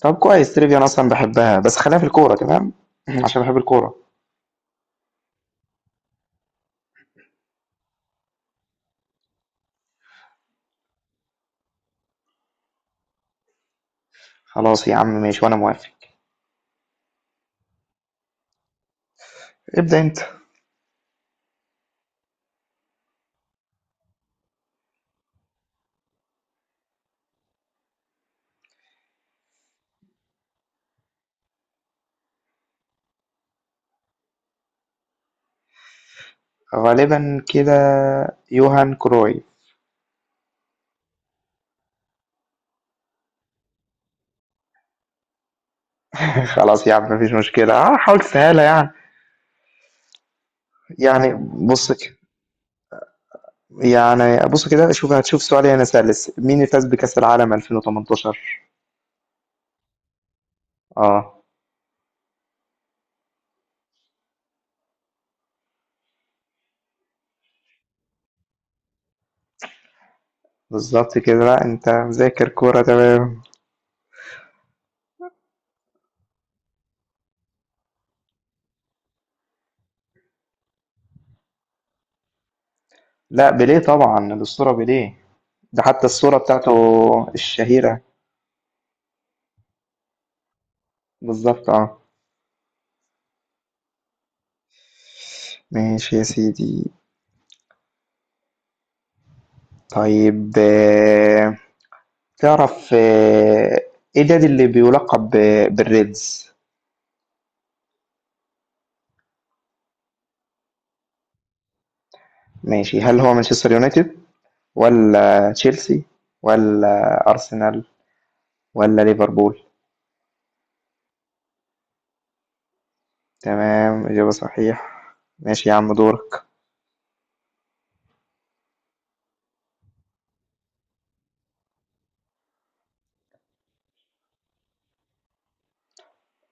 طب كويس، تريفيا أنا أصلا بحبها، بس خلينا في الكورة تمام. عشان بحب الكورة. خلاص يا عم، ماشي وأنا موافق. ابدأ أنت. غالبا كده، يوهان كروي. خلاص يا عم، مفيش مشكلة، حاول تسهلها يعني. يعني بص كده يعني بص كده، شوف هتشوف سؤال هنا سلس. مين اللي فاز بكأس العالم 2018؟ اه بالظبط كده، لا انت مذاكر كورة تمام. لا، بيليه طبعا، الأسطورة بيليه. ده حتى الصورة بتاعته الشهيرة. بالظبط اه. ماشي يا سيدي. طيب، تعرف، إيه النادي اللي بيُلقّب بالReds؟ ماشي، هل هو مانشستر يونايتد، والّا تشيلسي، والّا أرسنال، والّا ليفربول؟ تمام، إجابة صحيحة. ماشي يا عم، دورك.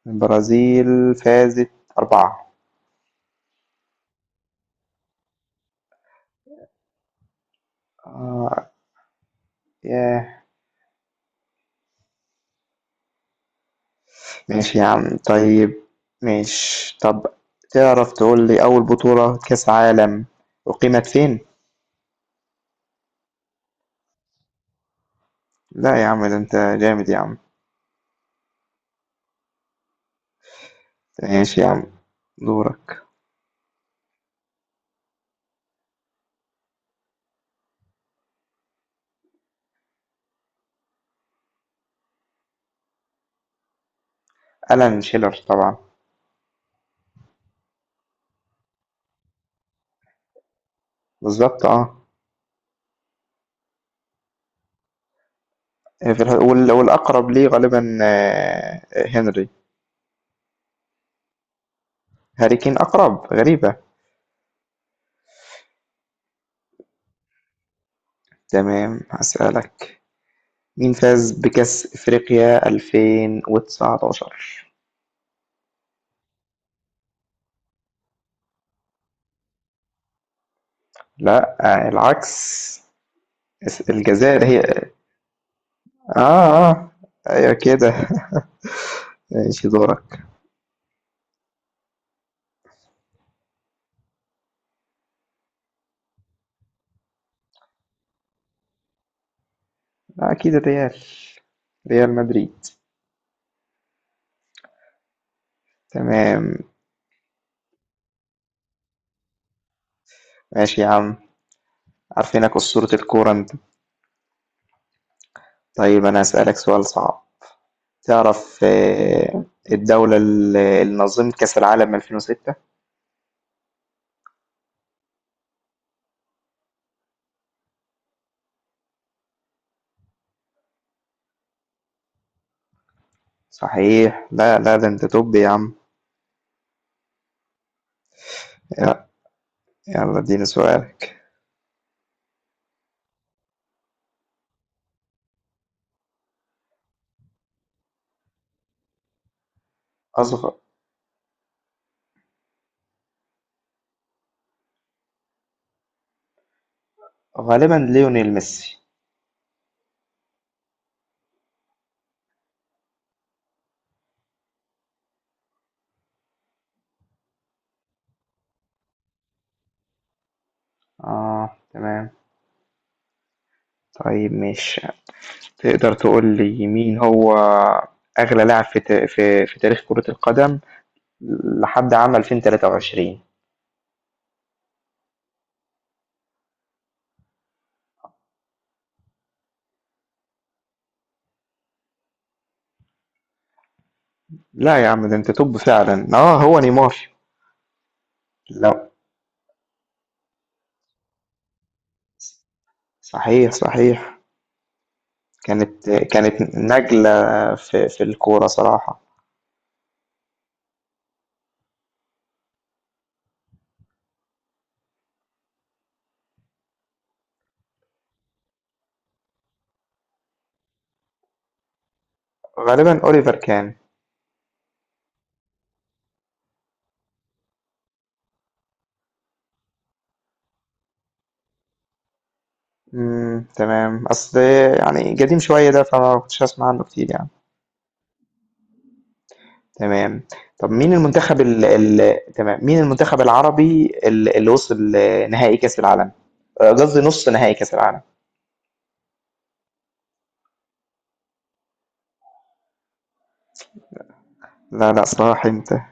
البرازيل فازت 4. آه، ياه! ماشي يا عم، طيب. ماشي. طَب تعرف تقول لي أول بطولة كاس عالم أُقيمت فين؟ لأ يا عم، ده أنت جامد يا عم. ماشي يا عم، دورك. ألان شيلر طبعا. بالظبط اه. في والأقرب ليه غالبا، هنري. هاري كين أقرب. غريبة. تمام، هسألك. مين فاز بكأس إفريقيا 2019؟ لا، العكس. الجزائر هي، اه، اه، ايوه كده. ماشي، دورك. اكيد الريال، ريال مدريد. تمام. ماشي يا عم، عارفينك أسطورة الكورة انت. طيب أنا هاسألك سؤال صعب. تعرف، الدولة اللي نظمت كأس العالم 2006؟ صحيح، لا، لا، ده أنت توب يا عم. يلا. يلا اديني سؤالك. أصغر. غالبا ليونيل ميسي. آه، تمام. طيب مش تقدر تقول لي مين هو أغلى لاعب في في تاريخ كرة القدم لحد عام 2023؟ لا يا عم، ده أنت توب فعلا، آه هو نيمار. لا، صحيح، صحيح. كانت نجلة في الكورة صراحة. غالبًا أوليفر كان. تمام، أصل يعني قديم شوية ده، فما كنتش أسمع عنه كتير يعني. تمام. طب مين المنتخب ال ال تمام، مين المنتخب العربي اللي وصل نهائي كأس العالم؟ قصدي نُص نهائي كأس العالم. لا، لأ، صلاح انتهى.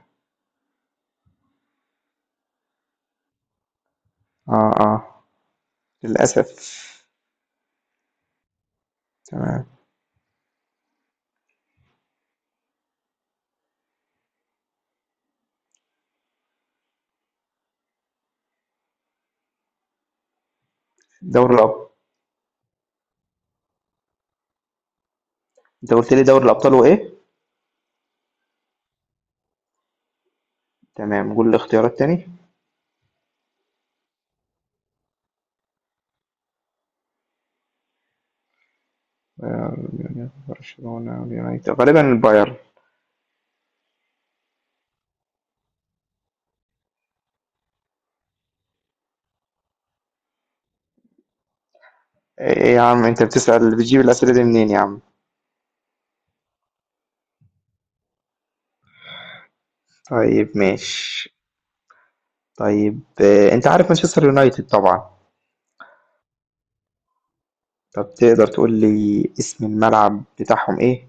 آه، آه، للأسف. تمام. دوري الأب أنت قُلت لي دوري الأبطال وإيه؟ تمام، قُل الاختيارات تاني. آآ، برشلونة واليونايتد، غالبًا البايرن. ايه يا عم، انت بتسأل، بتجيب الأسئلة دي منين يا عم؟ طيب ماشي. طيب، انت عارف مانشستر يونايتد طبعا. طب تقدر تقول لي اسم الملعب بتاعهم ايه؟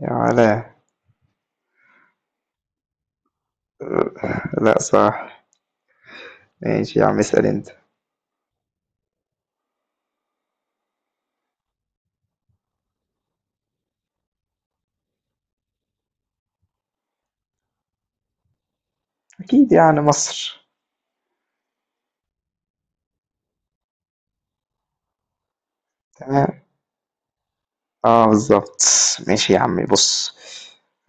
يا ولا. لا صح. ماشي يا عم، اسأل انت. اكيد يعني مصر. تمام. اه بالظبط. ماشي يا عم، بص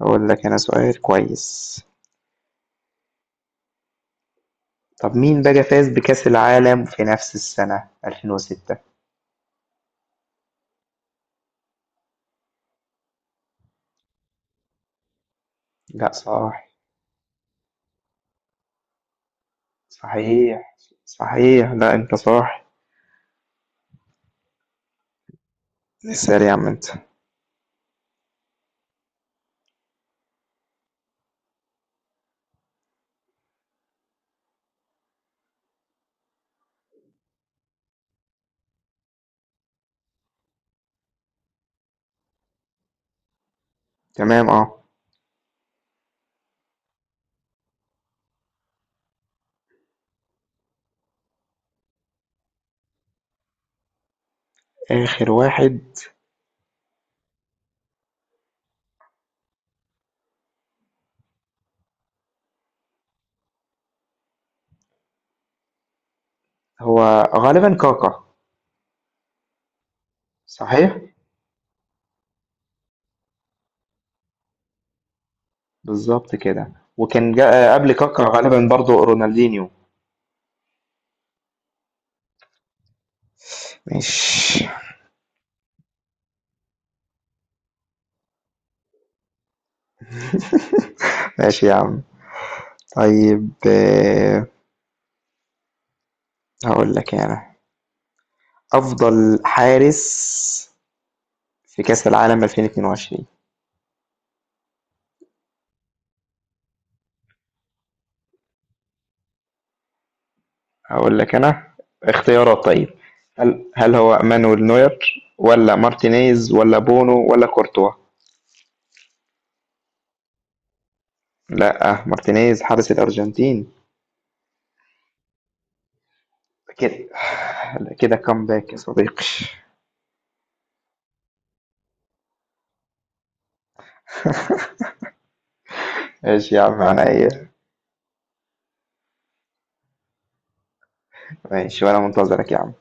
اقول لك انا سؤال كويس. طب مين بقى فاز بكأس العالم في نفس السنة 2006؟ لا صح. صحيح، صحيح، لا انت صح. اسأل يا عم انت. تمام، آه. آخر واحد؟ هو غالبًا كاكا. صحيح؟ بالضبط كده، وكان جا قبل كاكا غالبًا برضه رونالدينيو. ماشي. ماشي يا عم. طيب، هاقول لك أنا، أفضل حارس في كأس العالم 2022؟ هاقول لك أنا اختيارات، طيب. هل هو مانويل نوير، والّا مارتينيز، والّا بونو، والّا كورتوا؟ لأ، مارتينيز حارس الأرجنتين. كده. كده كومباك يا صديقي. ماشي يا عم عينيا. ماشي وانا منتظرك يا عم.